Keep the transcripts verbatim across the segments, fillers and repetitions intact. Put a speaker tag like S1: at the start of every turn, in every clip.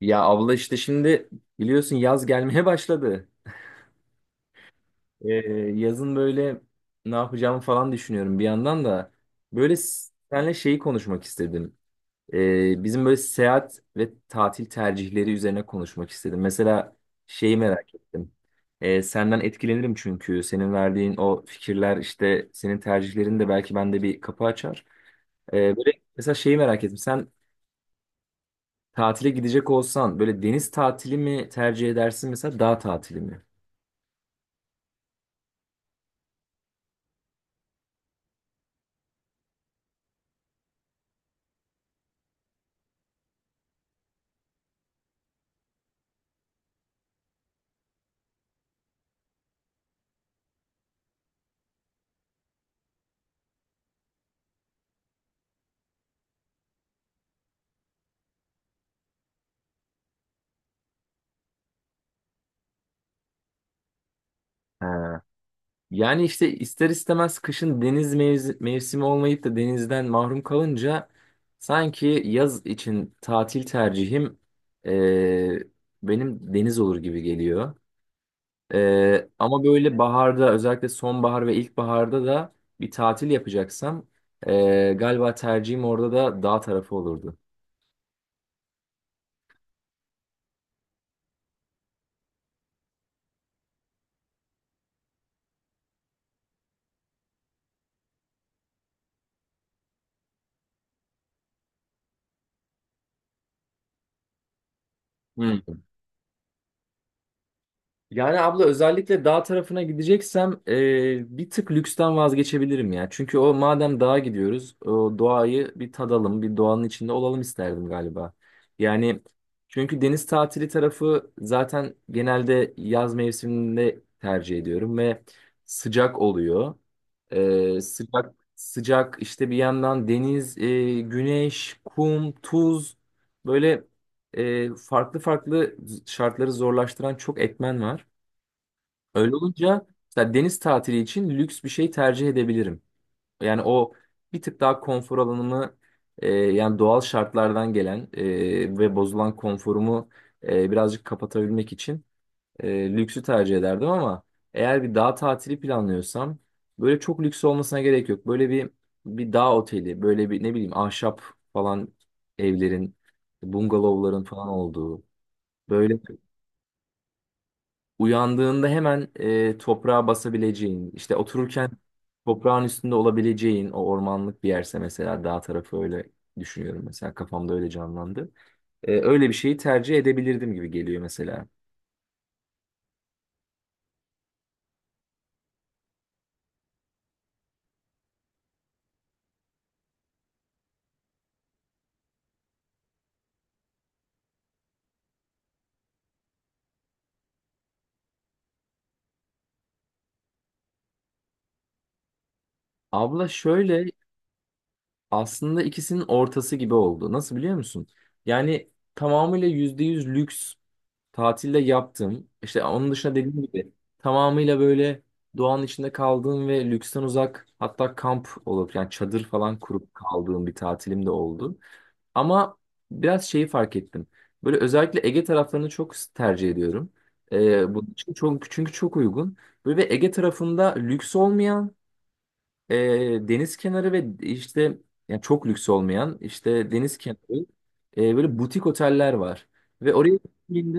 S1: Ya abla işte şimdi biliyorsun yaz gelmeye başladı. Ee, yazın böyle ne yapacağımı falan düşünüyorum bir yandan da. Böyle s- seninle şeyi konuşmak istedim. Ee, bizim böyle seyahat ve tatil tercihleri üzerine konuşmak istedim. Mesela şeyi merak ettim. Ee, senden etkilenirim çünkü senin verdiğin o fikirler işte senin tercihlerin de belki bende bir kapı açar. Ee, böyle mesela şeyi merak ettim. Sen tatile gidecek olsan böyle deniz tatili mi tercih edersin, mesela dağ tatili mi? Ha. Yani işte ister istemez kışın deniz mevzi- mevsimi olmayıp da denizden mahrum kalınca sanki yaz için tatil tercihim e, benim deniz olur gibi geliyor. E, ama böyle baharda, özellikle sonbahar ve ilkbaharda da bir tatil yapacaksam e, galiba tercihim orada da dağ tarafı olurdu. Yani abla özellikle dağ tarafına gideceksem e, bir tık lüksten vazgeçebilirim ya. Çünkü o madem dağa gidiyoruz, o doğayı bir tadalım, bir doğanın içinde olalım isterdim galiba. Yani çünkü deniz tatili tarafı zaten genelde yaz mevsiminde tercih ediyorum ve sıcak oluyor. E, sıcak sıcak işte bir yandan deniz, e, güneş, kum, tuz, böyle e, farklı farklı şartları zorlaştıran çok etmen var. Öyle olunca mesela deniz tatili için lüks bir şey tercih edebilirim. Yani o bir tık daha konfor alanımı, e, yani doğal şartlardan gelen e, ve bozulan konforumu e, birazcık kapatabilmek için e, lüksü tercih ederdim, ama eğer bir dağ tatili planlıyorsam böyle çok lüks olmasına gerek yok. Böyle bir bir dağ oteli, böyle bir ne bileyim ahşap falan evlerin, bungalovların falan olduğu, böyle uyandığında hemen e, toprağa basabileceğin, işte otururken toprağın üstünde olabileceğin o ormanlık bir yerse mesela dağ tarafı, öyle düşünüyorum, mesela kafamda öyle canlandı. E, öyle bir şeyi tercih edebilirdim gibi geliyor mesela. Abla şöyle, aslında ikisinin ortası gibi oldu. Nasıl biliyor musun? Yani tamamıyla yüzde yüz lüks tatilde yaptım. İşte onun dışında, dediğim gibi, tamamıyla böyle doğanın içinde kaldığım ve lüksten uzak, hatta kamp olup yani çadır falan kurup kaldığım bir tatilim de oldu. Ama biraz şeyi fark ettim. Böyle özellikle Ege taraflarını çok tercih ediyorum. Ee, bunun için çok, çünkü çok uygun. Böyle bir Ege tarafında lüks olmayan, e, deniz kenarı ve işte yani çok lüks olmayan işte deniz kenarı, e, böyle butik oteller var. Ve oraya gittiğimde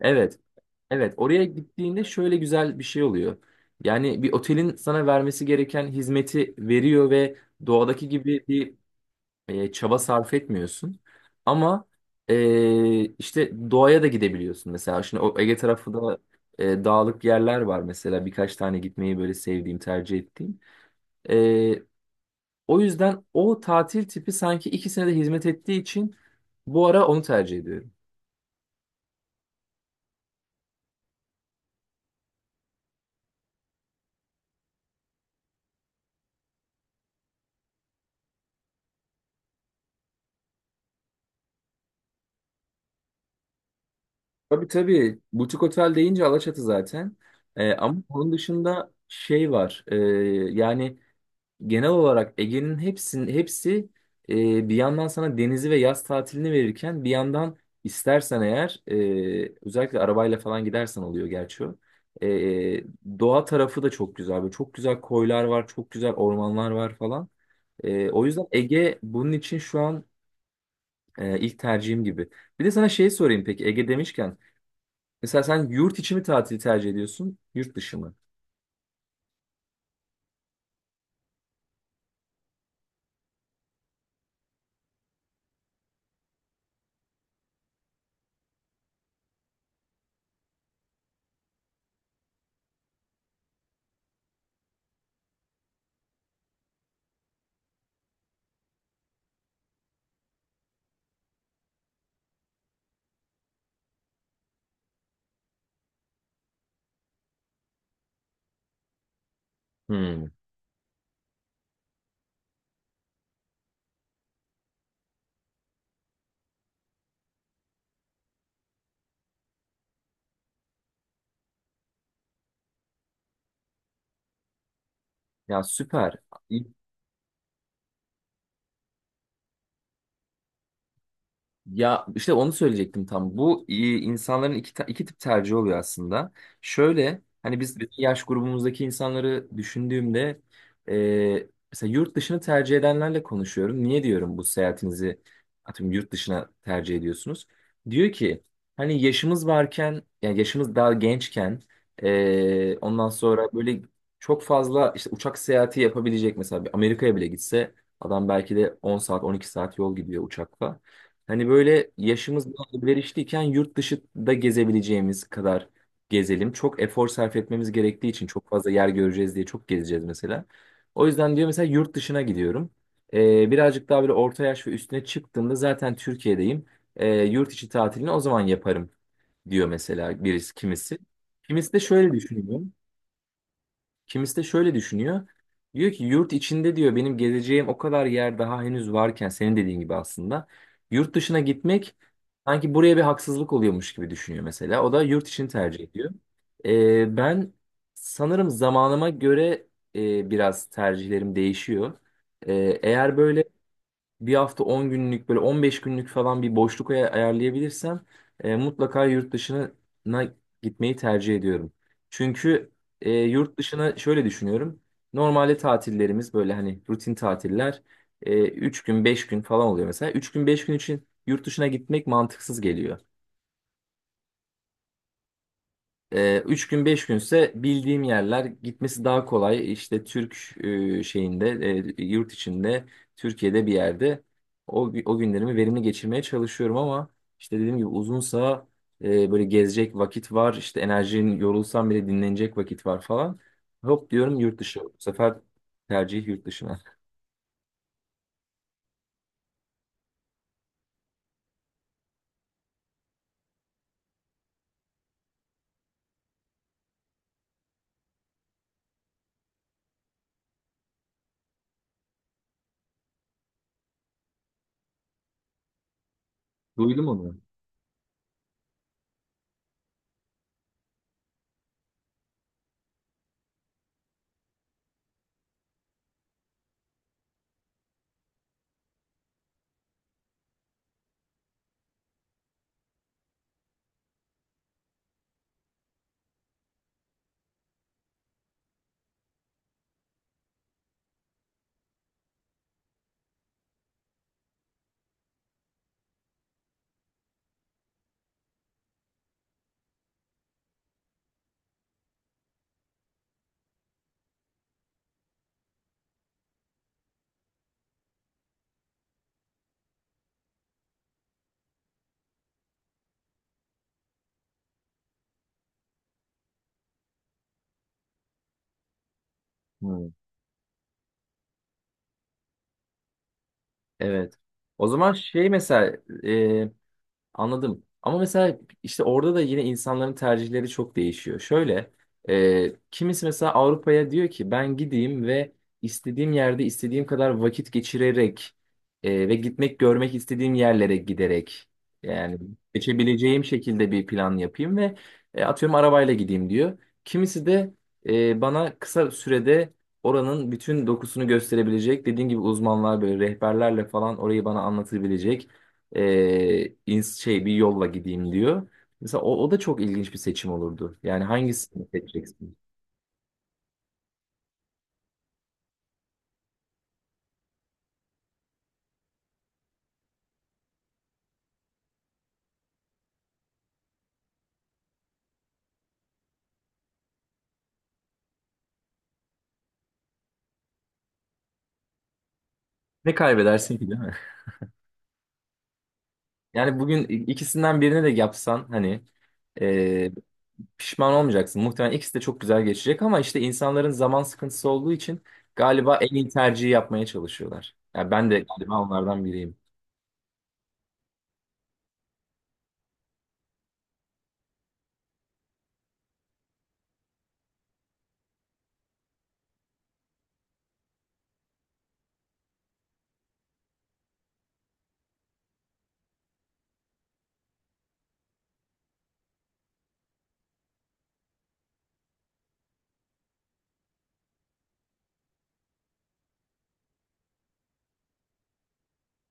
S1: evet. Evet, oraya gittiğinde şöyle güzel bir şey oluyor. Yani bir otelin sana vermesi gereken hizmeti veriyor ve doğadaki gibi bir e, çaba sarf etmiyorsun. Ama e, işte doğaya da gidebiliyorsun mesela. Şimdi o Ege tarafı da e, dağlık yerler var mesela. Birkaç tane gitmeyi böyle sevdiğim, tercih ettiğim. E, o yüzden o tatil tipi sanki ikisine de hizmet ettiği için bu ara onu tercih ediyorum. Tabii tabii. Butik otel deyince Alaçatı zaten. Ee, ama onun dışında şey var. Ee, yani genel olarak Ege'nin hepsinin hepsi e, bir yandan sana denizi ve yaz tatilini verirken, bir yandan istersen eğer e, özellikle arabayla falan gidersen oluyor gerçi o. Ee, doğa tarafı da çok güzel. Böyle çok güzel koylar var, çok güzel ormanlar var falan. Ee, o yüzden Ege bunun için şu an e, ilk tercihim gibi. Bir de sana şey sorayım peki, Ege demişken. Mesela sen yurt içi mi tatili tercih ediyorsun, yurt dışı mı? Hmm. Ya süper. Ya işte onu söyleyecektim tam. Bu e, insanların iki, ta- iki tip tercih oluyor aslında. Şöyle, hani biz bizim yaş grubumuzdaki insanları düşündüğümde e, mesela yurt dışını tercih edenlerle konuşuyorum. Niye, diyorum, bu seyahatinizi, atıyorum, yurt dışına tercih ediyorsunuz? Diyor ki hani yaşımız varken, yani yaşımız daha gençken, e, ondan sonra böyle çok fazla işte uçak seyahati yapabilecek, mesela bir Amerika'ya bile gitse adam belki de on saat on iki saat yol gidiyor uçakla. Hani böyle yaşımız ileriştiyken yurt dışı da gezebileceğimiz kadar gezelim. Çok efor sarf etmemiz gerektiği için çok fazla yer göreceğiz diye çok gezeceğiz mesela. O yüzden, diyor, mesela yurt dışına gidiyorum. Ee, birazcık daha böyle orta yaş ve üstüne çıktığımda zaten Türkiye'deyim. Ee, yurt içi tatilini o zaman yaparım, diyor mesela birisi, kimisi. Kimisi de şöyle düşünüyor. Kimisi de şöyle düşünüyor. Diyor ki yurt içinde, diyor, benim gezeceğim o kadar yer daha henüz varken, senin dediğin gibi aslında yurt dışına gitmek sanki buraya bir haksızlık oluyormuş gibi düşünüyor mesela. O da yurt için tercih ediyor. Ee, ben sanırım zamanıma göre e, biraz tercihlerim değişiyor. Ee, eğer böyle bir hafta on günlük, böyle on beş günlük falan bir boşluk ay- ayarlayabilirsem e, mutlaka yurt dışına gitmeyi tercih ediyorum. Çünkü e, yurt dışına şöyle düşünüyorum. Normalde tatillerimiz böyle hani rutin tatiller, e, üç gün beş gün falan oluyor mesela. Üç gün beş gün için yurt dışına gitmek mantıksız geliyor. Ee, üç gün beş günse bildiğim yerler gitmesi daha kolay. İşte Türk, e, şeyinde, e, yurt içinde, Türkiye'de bir yerde o, gü- o günlerimi verimli geçirmeye çalışıyorum, ama işte dediğim gibi uzunsa e, böyle gezecek vakit var, işte enerjin, yorulsam bile dinlenecek vakit var falan. Hop diyorum, yurt dışı. Bu sefer tercih yurt dışına. Duydum onu. Hı. Evet. O zaman şey mesela. Anladım. Ama mesela işte orada da yine insanların tercihleri çok değişiyor. Şöyle, e, kimisi mesela Avrupa'ya diyor ki ben gideyim ve istediğim yerde istediğim kadar vakit geçirerek, e, ve gitmek, görmek istediğim yerlere giderek, yani geçebileceğim şekilde bir plan yapayım ve e, atıyorum arabayla gideyim, diyor. Kimisi de e, bana kısa sürede oranın bütün dokusunu gösterebilecek, dediğim gibi uzmanlar böyle rehberlerle falan orayı bana anlatabilecek e, ins- şey bir yolla gideyim, diyor. Mesela o, o da çok ilginç bir seçim olurdu. Yani hangisini seçeceksin? Ne kaybedersin ki, değil mi? Yani bugün i- ikisinden birini de yapsan hani e, pişman olmayacaksın. Muhtemelen ikisi de çok güzel geçecek, ama işte insanların zaman sıkıntısı olduğu için galiba en iyi tercihi yapmaya çalışıyorlar. Yani ben de galiba onlardan biriyim.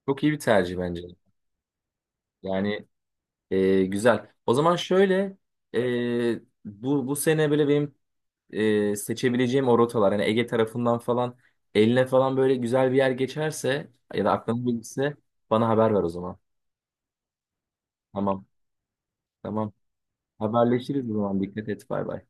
S1: Çok iyi bir tercih bence. Yani e, güzel. O zaman şöyle, e, bu bu sene böyle benim e, seçebileceğim o rotalar, hani Ege tarafından falan eline falan böyle güzel bir yer geçerse ya da aklına gelirse bana haber ver o zaman. Tamam. Tamam. Haberleşiriz o zaman. Dikkat et. Bay bay.